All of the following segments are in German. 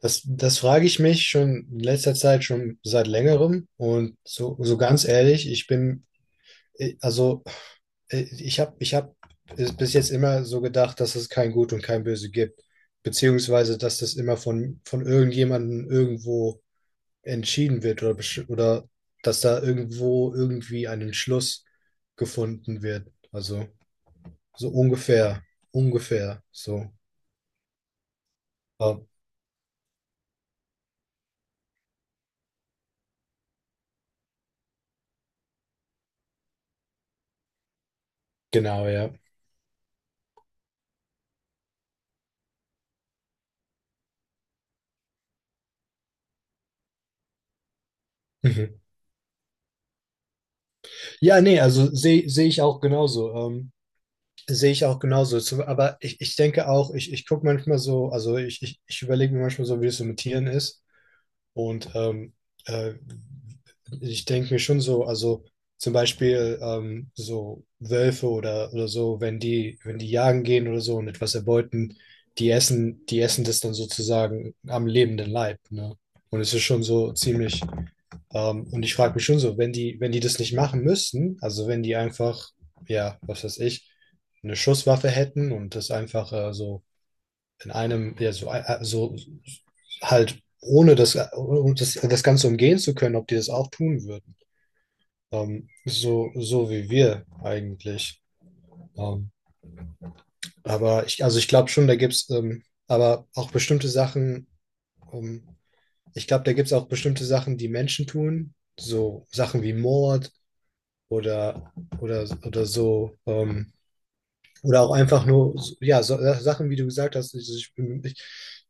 Das frage ich mich schon in letzter Zeit, schon seit längerem. Und so ganz ehrlich, ich bin, also ich hab es bis jetzt immer so gedacht, dass es kein Gut und kein Böse gibt. Beziehungsweise, dass das immer von irgendjemandem irgendwo entschieden wird oder dass da irgendwo irgendwie ein Entschluss gefunden wird. Also so ungefähr, ungefähr so. Genau, ja. Mhm. Ja, nee, also sehe ich auch genauso. Sehe ich auch genauso. Aber ich denke auch, ich gucke manchmal so, also ich überlege mir manchmal so, wie es so mit Tieren ist. Und äh, ich denke mir schon so, also zum Beispiel so Wölfe oder so, wenn die jagen gehen oder so und etwas erbeuten, die essen das dann sozusagen am lebenden Leib, ne? Und es ist schon so ziemlich, und ich frage mich schon so, wenn die das nicht machen müssten, also wenn die einfach, ja, was weiß ich, eine Schusswaffe hätten und das einfach so in einem, ja, so, so halt ohne das Ganze umgehen zu können, ob die das auch tun würden. So, so wie wir eigentlich. Ähm, aber ich, also ich glaube schon, da gibt es aber auch bestimmte Sachen, ähm, ich glaube, da gibt es auch bestimmte Sachen, die Menschen tun, so Sachen wie Mord oder, oder so oder auch einfach nur, ja, so, Sachen, wie du gesagt hast, also ich,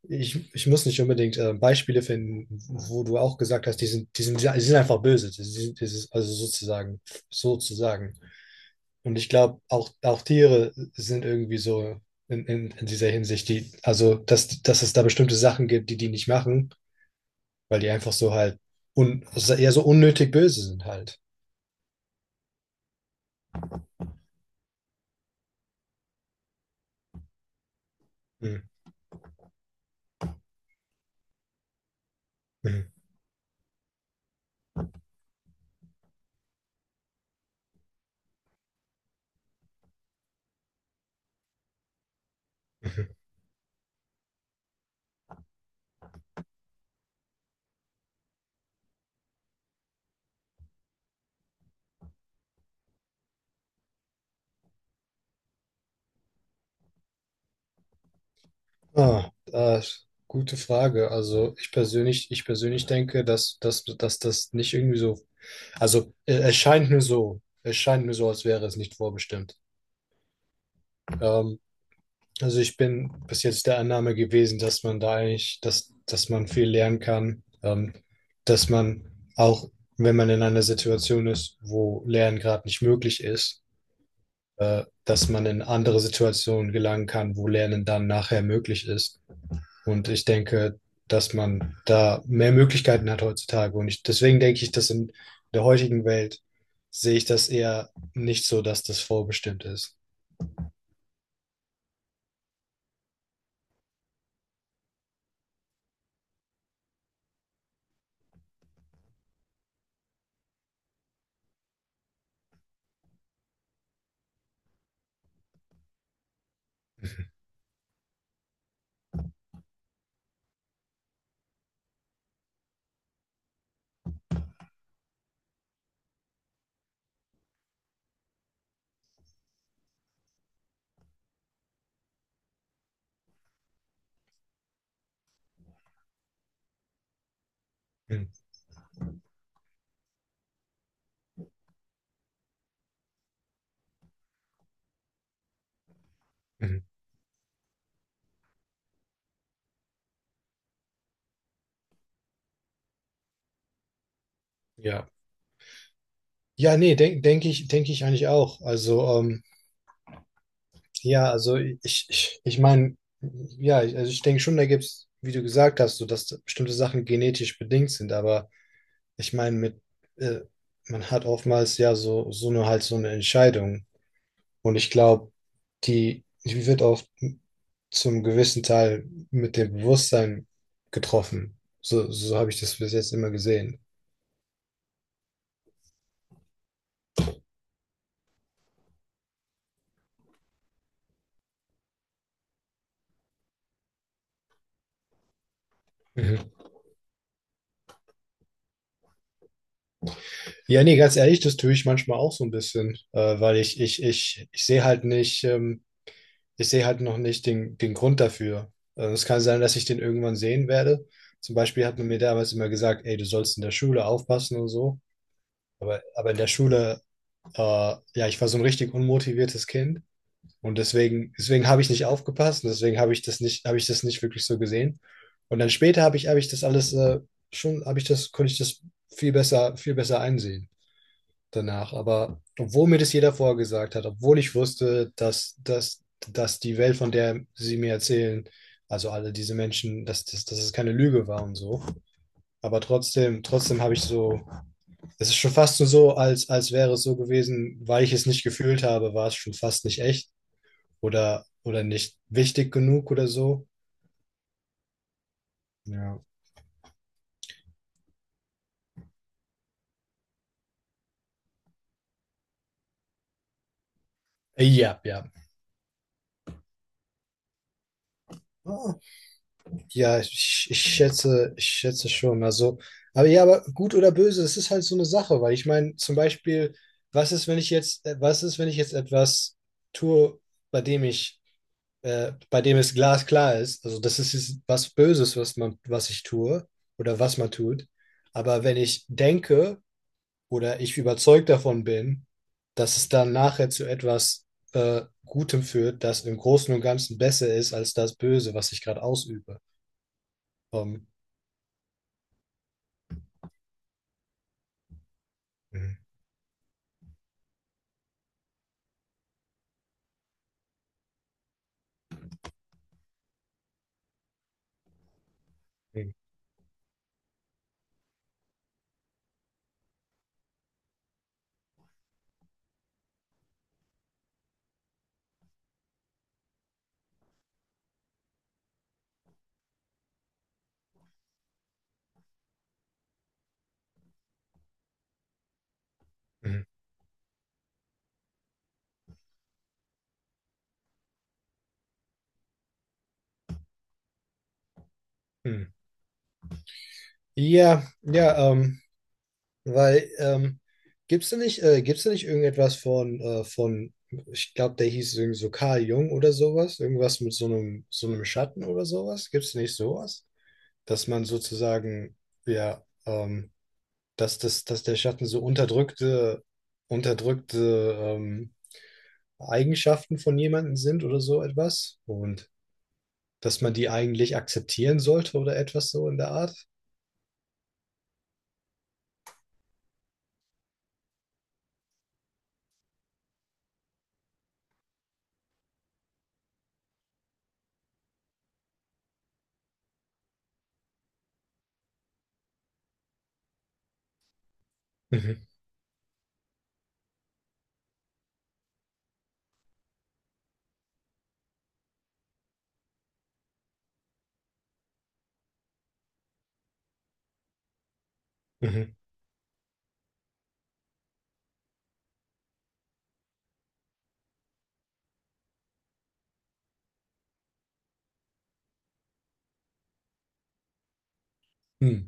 ich muss nicht unbedingt Beispiele finden, wo du auch gesagt hast, die sind einfach böse. Also sozusagen, sozusagen. Und ich glaube, auch, auch Tiere sind irgendwie so in dieser Hinsicht, die, also, dass es da bestimmte Sachen gibt, die die nicht machen, weil die einfach so halt also eher so unnötig böse sind halt. Mhm. Mhm. Mhm. Ah, ah, Gute Frage. Also ich persönlich denke, dass das nicht irgendwie so, also es scheint mir so, es scheint mir so, als wäre es nicht vorbestimmt. Ähm, also ich bin bis jetzt der Annahme gewesen, dass man da eigentlich, dass man viel lernen kann, dass man auch, wenn man in einer Situation ist, wo Lernen gerade nicht möglich ist, dass man in andere Situationen gelangen kann, wo Lernen dann nachher möglich ist. Und ich denke, dass man da mehr Möglichkeiten hat heutzutage. Und ich, deswegen denke ich, dass in der heutigen Welt sehe ich das eher nicht so, dass das vorbestimmt ist. Mhm. Mhm. Ja. Ja, nee, denke ich eigentlich auch. Also, ja, also ich meine, ja, also ich denke schon, da gibt es, wie du gesagt hast, so dass bestimmte Sachen genetisch bedingt sind, aber ich meine, äh, man hat oftmals ja so, so eine halt so eine Entscheidung. Und ich glaube, die wird auch zum gewissen Teil mit dem Bewusstsein getroffen. So, so habe ich das bis jetzt immer gesehen. Mhm. Ja, nee, ganz ehrlich, das tue ich manchmal auch so ein bisschen, weil ich sehe halt nicht, ich sehe halt noch nicht den Grund dafür. Es kann sein, dass ich den irgendwann sehen werde. Zum Beispiel hat man mir damals immer gesagt, ey, du sollst in der Schule aufpassen und so. Aber in der Schule, äh, ja, ich war so ein richtig unmotiviertes Kind. Und deswegen habe ich nicht aufgepasst und deswegen habe ich das nicht wirklich so gesehen. Und dann später habe ich das alles konnte ich das viel besser einsehen danach. Aber obwohl mir das jeder vorgesagt hat, obwohl ich wusste, dass die Welt, von der sie mir erzählen, also alle diese Menschen, dass es keine Lüge war und so. Aber trotzdem habe ich so, es ist schon fast nur so, als wäre es so gewesen, weil ich es nicht gefühlt habe, war es schon fast nicht echt oder nicht wichtig genug oder so. Ja. Ja, ja. Oh, ja, ich schätze schon. Also, aber ja, aber gut oder böse, das ist halt so eine Sache, weil ich meine, zum Beispiel, was ist, wenn ich jetzt, was ist, wenn ich jetzt etwas tue, bei dem ich, bei dem es glasklar ist? Also, das ist jetzt was Böses, was ich tue oder was man tut. Aber wenn ich denke, oder ich überzeugt davon bin, dass es dann nachher zu etwas Gutem führt, das im Großen und Ganzen besser ist als das Böse, was ich gerade ausübe. Ähm, mhm, mhm, mhm, mhm. Ja, ja, weil gibt's da nicht irgendetwas von ich glaube, der hieß irgendwie so Carl Jung oder sowas, irgendwas mit so einem Schatten oder sowas? Gibt's da nicht sowas? Dass man sozusagen, ja, dass der Schatten so unterdrückte Eigenschaften von jemandem sind oder so etwas. Und dass man die eigentlich akzeptieren sollte oder etwas so in der Art. Mhm. Mhm. Hm.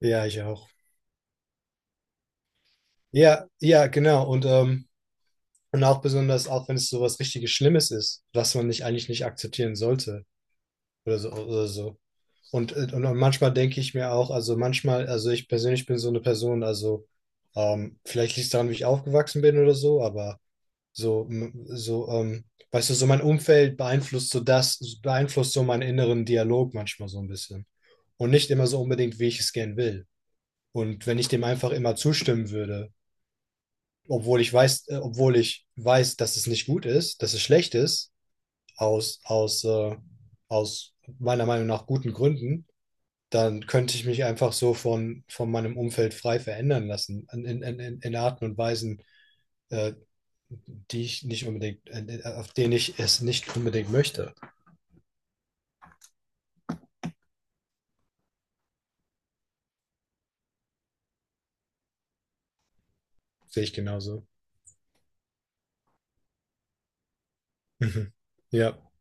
Ja, ich auch. Ja, ja, genau. Und auch besonders, auch wenn es so was richtiges Schlimmes ist, was man nicht eigentlich nicht akzeptieren sollte oder so oder so. Und manchmal denke ich mir auch, also manchmal, also ich persönlich bin so eine Person, also vielleicht liegt es daran, wie ich aufgewachsen bin oder so, aber so, so, weißt du, so mein Umfeld beeinflusst beeinflusst so meinen inneren Dialog manchmal so ein bisschen. Und nicht immer so unbedingt, wie ich es gern will. Und wenn ich dem einfach immer zustimmen würde, obwohl ich weiß, dass es nicht gut ist, dass es schlecht ist, aus, aus, äh, aus meiner Meinung nach guten Gründen, dann könnte ich mich einfach so von meinem Umfeld frei verändern lassen, in Arten und Weisen, äh, die ich nicht unbedingt, auf denen ich es nicht unbedingt möchte. Sehe ich genauso. Mhm. Ja.